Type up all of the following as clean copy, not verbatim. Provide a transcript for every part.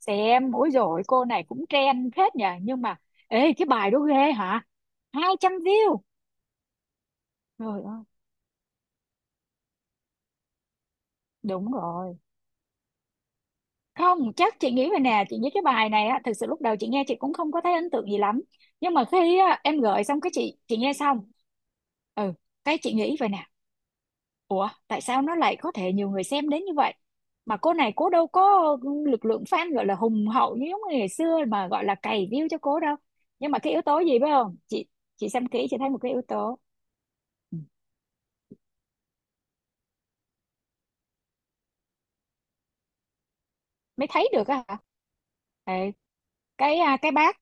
Xem ối rồi, cô này cũng trend phết nhỉ, nhưng mà ê, cái bài đó ghê hả? 200 view. Rồi. Đúng rồi. Không, chắc chị nghĩ vậy nè, chị nghĩ cái bài này á, thực sự lúc đầu chị nghe chị cũng không có thấy ấn tượng gì lắm. Nhưng mà khi á, em gửi xong cái chị nghe xong. Ừ, cái chị nghĩ vậy nè. Ủa, tại sao nó lại có thể nhiều người xem đến như vậy? Mà cô này cô đâu có lực lượng fan gọi là hùng hậu như giống như ngày xưa mà gọi là cày view cho cô đâu. Nhưng mà cái yếu tố gì biết không? Chị xem kỹ chị thấy một cái yếu tố. Ừ. Mới thấy được á hả? Ê, cái à, cái bác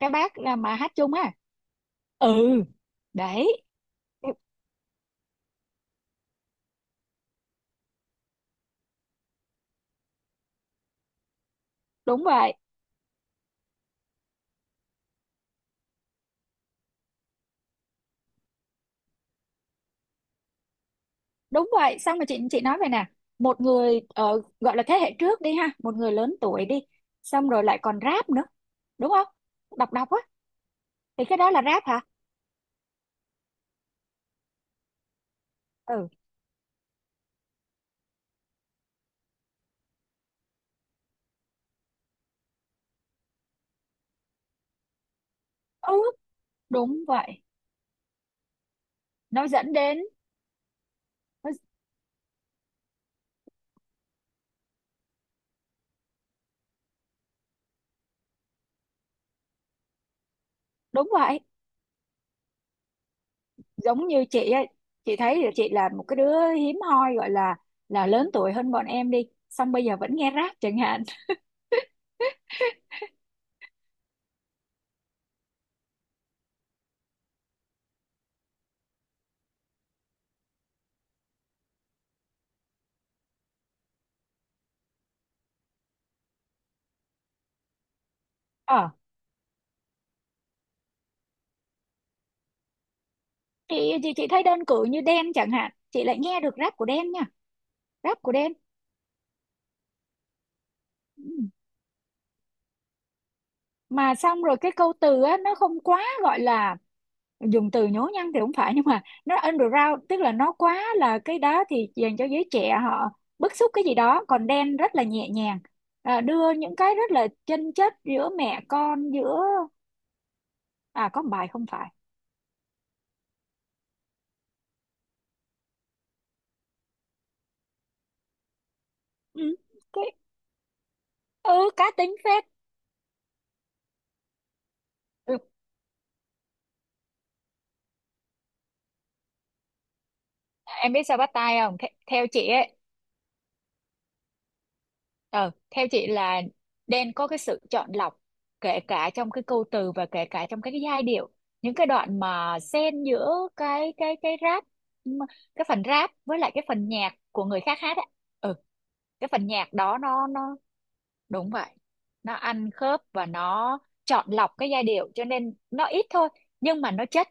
cái bác là mà hát chung á. Ừ. Đấy, đúng vậy. Đúng vậy, xong rồi chị nói vậy nè. Một người gọi là thế hệ trước đi ha, một người lớn tuổi đi, xong rồi lại còn rap nữa đúng không? Đọc đọc á, thì cái đó là rap hả? Ừ. Ừ, đúng vậy. Nó dẫn đến nó. Đúng vậy. Giống như chị ấy, chị thấy là chị là một cái đứa hiếm hoi gọi là lớn tuổi hơn bọn em đi, xong bây giờ vẫn nghe rap chẳng hạn. Ờ, chị thấy đơn cử như Đen chẳng hạn, chị lại nghe được rap của Đen nha. Rap của Đen. Ừ. Mà xong rồi cái câu từ á, nó không quá gọi là dùng từ nhố nhăng thì cũng phải, nhưng mà nó underground, tức là nó quá là cái đó thì dành cho giới trẻ họ bức xúc cái gì đó, còn Đen rất là nhẹ nhàng, đưa những cái rất là chân chất giữa mẹ con giữa. À, có một bài không phải. Ừ. Cái. Ừ, cá tính phết. Ừ. Em biết sao bắt tay không? Theo chị ấy, Ờ, theo chị là nên có cái sự chọn lọc, kể cả trong cái câu từ và kể cả trong cái giai điệu, những cái đoạn mà xen giữa cái rap, m- cái phần rap với lại cái phần nhạc của người khác hát á. Ừ, cái phần nhạc đó nó. Đúng vậy, nó ăn khớp và nó chọn lọc cái giai điệu cho nên nó ít thôi, nhưng mà nó chất.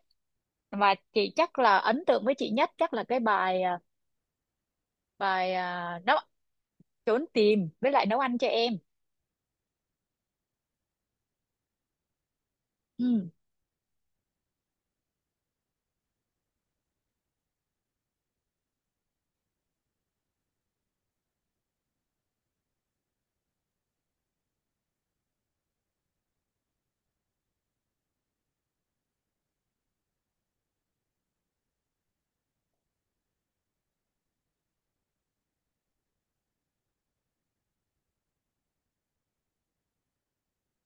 Và chị chắc là ấn tượng với chị nhất chắc là cái bài à, bài à, nấu trốn tìm với lại nấu ăn cho em. Ừ.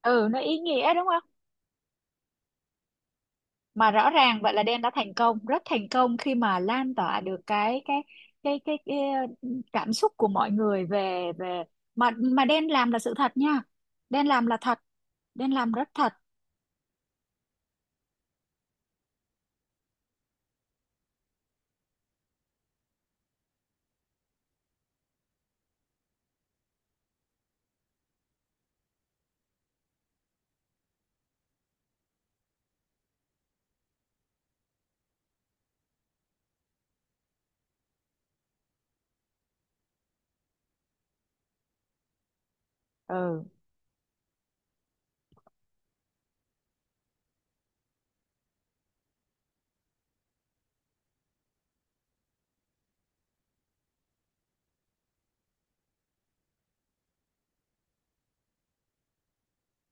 Ừ, nó ý nghĩa đúng không? Mà rõ ràng vậy là Đen đã thành công, rất thành công khi mà lan tỏa được cái cảm xúc của mọi người về về mà Đen làm là sự thật nha. Đen làm là thật. Đen làm rất thật. Ừ,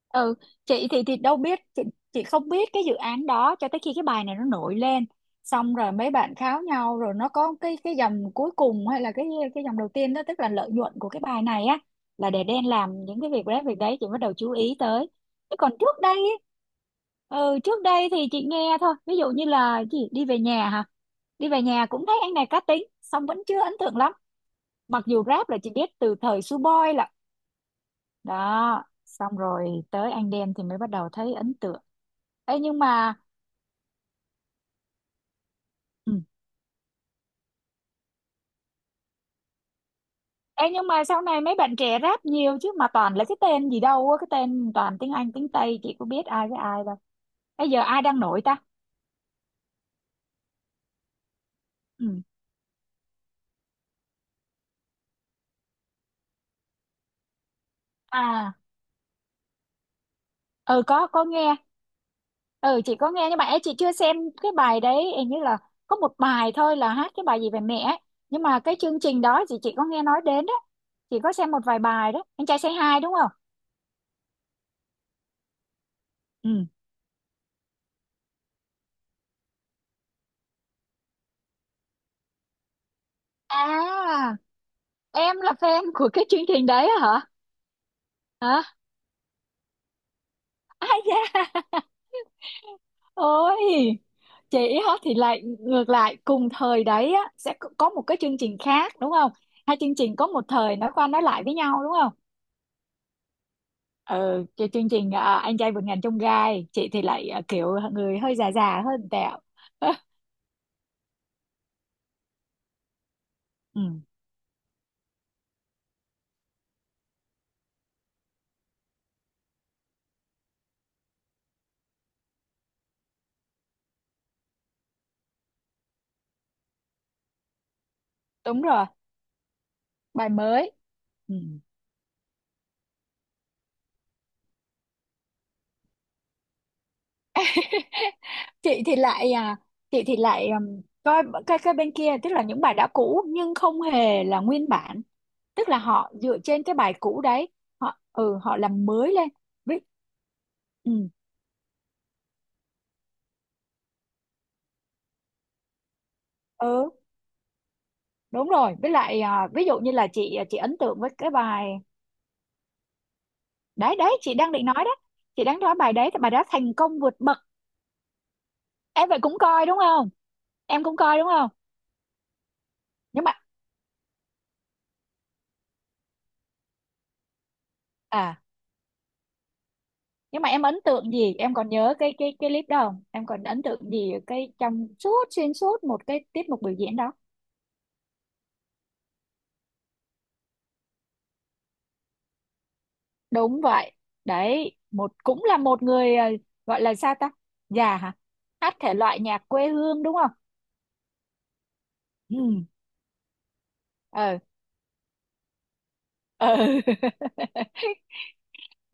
ừ, chị thì đâu biết chị không biết cái dự án đó cho tới khi cái bài này nó nổi lên, xong rồi mấy bạn kháo nhau rồi nó có cái dòng cuối cùng hay là cái dòng đầu tiên đó, tức là lợi nhuận của cái bài này á là để Đen làm những cái việc đấy, việc đấy chị bắt đầu chú ý tới. Chứ còn trước đây ấy, ừ trước đây thì chị nghe thôi, ví dụ như là cái gì đi về nhà hả? Đi về nhà cũng thấy anh này cá tính xong vẫn chưa ấn tượng lắm. Mặc dù rap là chị biết từ thời Suboi là đó, xong rồi tới anh Đen thì mới bắt đầu thấy ấn tượng. Ê, nhưng mà ừ. Ê, nhưng mà sau này mấy bạn trẻ rap nhiều chứ, mà toàn là cái tên gì đâu á, cái tên toàn tiếng Anh tiếng Tây chị có biết ai với ai đâu. Bây giờ ai đang nổi ta? Ừ. À, ừ, có nghe. Ừ, chị có nghe nhưng mà ấy, chị chưa xem cái bài đấy, hình như là có một bài thôi là hát cái bài gì về mẹ ấy. Nhưng mà cái chương trình đó thì chị có nghe nói đến đó. Chị có xem một vài bài đó. Anh trai say hi đúng không? Ừ. À, em là fan của cái chương trình đấy hả hả? Ai da. Ôi, chị hả? Thì lại ngược lại, cùng thời đấy á sẽ có một cái chương trình khác đúng không? Hai chương trình có một thời nói qua nói lại với nhau đúng không? Ừ, cái chương trình anh trai vượt ngàn chông gai, chị thì lại kiểu người hơi già già hơn tẹo. Ừ, đúng rồi, bài mới. Ừ. chị thì lại à, chị thì lại coi cái bên kia, tức là những bài đã cũ nhưng không hề là nguyên bản, tức là họ dựa trên cái bài cũ đấy, họ làm mới lên. Ví- ừ, ừ, đúng rồi, với lại ví dụ như là chị ấn tượng với cái bài. Đấy đấy, chị đang định nói đó. Chị đang nói bài đấy, cái bài đó thành công vượt bậc. Em vậy cũng coi đúng không? Em cũng coi đúng không? Nhưng mà à nhưng mà em ấn tượng gì, em còn nhớ cái clip đó không? Em còn ấn tượng gì ở cái trong suốt xuyên suốt một cái tiết mục biểu diễn đó? Đúng vậy. Đấy, một cũng là một người gọi là sao ta? Già hả? Hát thể loại nhạc quê hương đúng không? Ừ. Ờ. Ờ.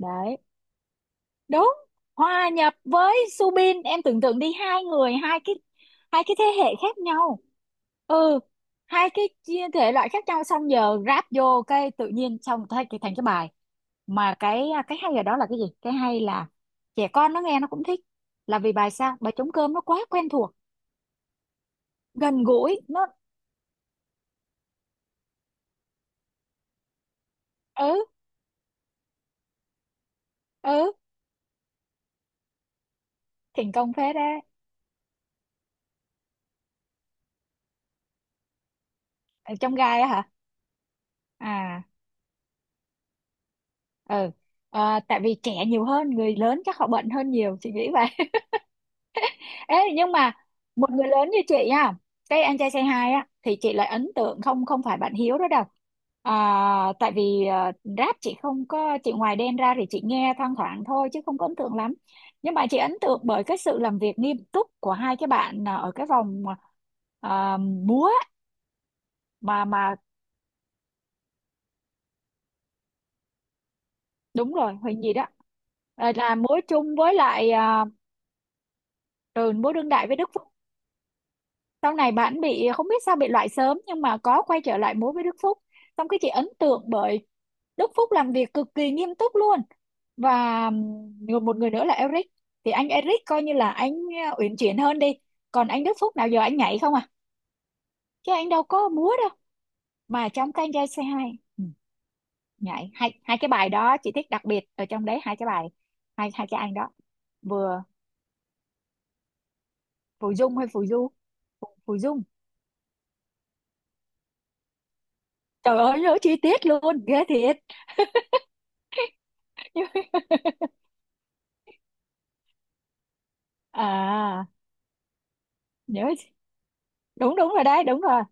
Đấy, đúng. Hòa nhập với Subin, em tưởng tượng đi, hai người hai cái, hai cái thế hệ khác nhau. Ừ, hai cái chia thể loại khác nhau, xong giờ ráp vô cái tự nhiên xong thay cái thành cái bài, mà cái hay ở đó là cái gì? Cái hay là trẻ con nó nghe nó cũng thích, là vì bài sao, bài trống cơm nó quá quen thuộc. Gần gũi nó. Ừ. Ừ, thành công phết đấy. Ở trong gai á hả? À. Ừ. Ờ, tại vì trẻ nhiều hơn người lớn chắc họ bận hơn nhiều, chị nghĩ vậy. Ê, nhưng mà một người lớn như chị á, cái anh trai say hi á thì chị lại ấn tượng, không, không phải bạn Hiếu đó đâu. Tại vì rap chị không có, chị ngoài Đen ra thì chị nghe thoang thoảng thôi chứ không có ấn tượng lắm, nhưng mà chị ấn tượng bởi cái sự làm việc nghiêm túc của hai cái bạn ở cái vòng múa. Mà đúng rồi, Huỳnh gì đó. Ờ, là múa chung với lại ừ, múa đương đại với Đức Phúc. Sau này bạn bị không biết sao bị loại sớm, nhưng mà có quay trở lại múa với Đức Phúc. Xong cái chị ấn tượng bởi Đức Phúc làm việc cực kỳ nghiêm túc luôn, và một người nữa là Eric. Thì anh Eric coi như là anh uyển chuyển hơn đi. Còn anh Đức Phúc nào giờ anh nhảy không à, chứ anh đâu có múa đâu. Mà trong cái anh trai C2, ừ, nhảy hai hai cái bài đó chị thích, đặc biệt ở trong đấy hai cái bài, hai hai cái anh đó. Vừa, phù dung hay phù du? Phù dung. Trời ơi, nhớ chi tiết luôn ghê thiệt. À, nhớ. Đúng đúng rồi đấy, đúng rồi.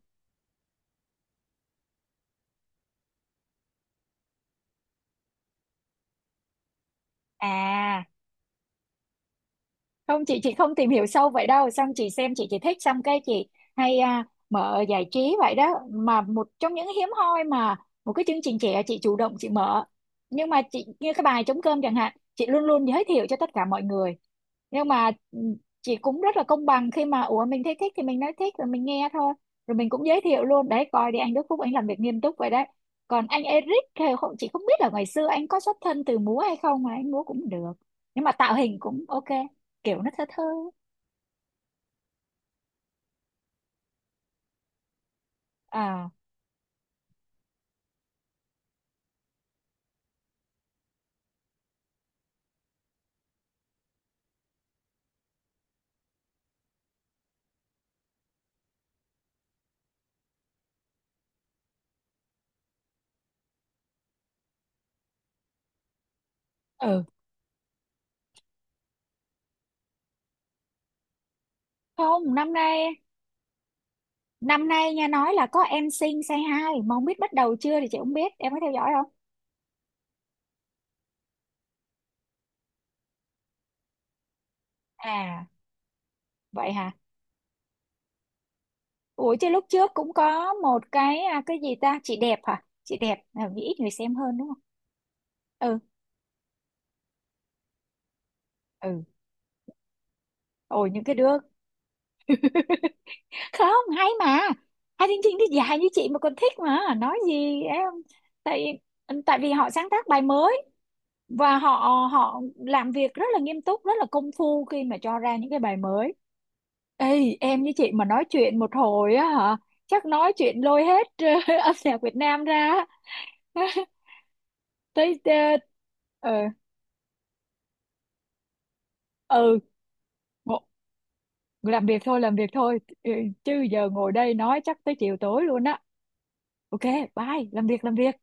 À không, chị không tìm hiểu sâu vậy đâu, xong chị xem, chị chỉ thích xong cái chị hay mở giải trí vậy đó, mà một trong những hiếm hoi mà một cái chương trình trẻ chị chủ động chị mở, nhưng mà chị như cái bài trống cơm chẳng hạn chị luôn luôn giới thiệu cho tất cả mọi người. Nhưng mà chị cũng rất là công bằng, khi mà ủa mình thấy thích thì mình nói thích rồi mình nghe thôi, rồi mình cũng giới thiệu luôn, đấy coi đi, anh Đức Phúc anh làm việc nghiêm túc vậy đấy, còn anh Eric thì không, chị không biết là ngày xưa anh có xuất thân từ múa hay không mà anh múa cũng được, nhưng mà tạo hình cũng OK, kiểu nó thơ thơ. À. Ừ. Không, năm nay, năm nay nha, nói là có Em Sing Say Hi mà không biết bắt đầu chưa thì chị không biết em có theo dõi không. À vậy hả? Ủa chứ lúc trước cũng có một cái cái gì ta, chị đẹp hả, chị đẹp là vì ít người xem hơn đúng không? Ừ. Ừ. Ôi, những cái đứa không hay mà, hai chương trình thì dài như chị mà còn thích mà nói gì em. Tại tại vì họ sáng tác bài mới, và họ họ làm việc rất là nghiêm túc, rất là công phu khi mà cho ra những cái bài mới. Ê, em với chị mà nói chuyện một hồi á hả, chắc nói chuyện lôi hết âm nhạc Việt Nam ra á. Tới, ờ, ờ, ừ, ngộ- làm việc thôi, làm việc thôi. Ừ, chứ giờ ngồi đây nói chắc tới chiều tối luôn á. OK, bye, làm việc làm việc.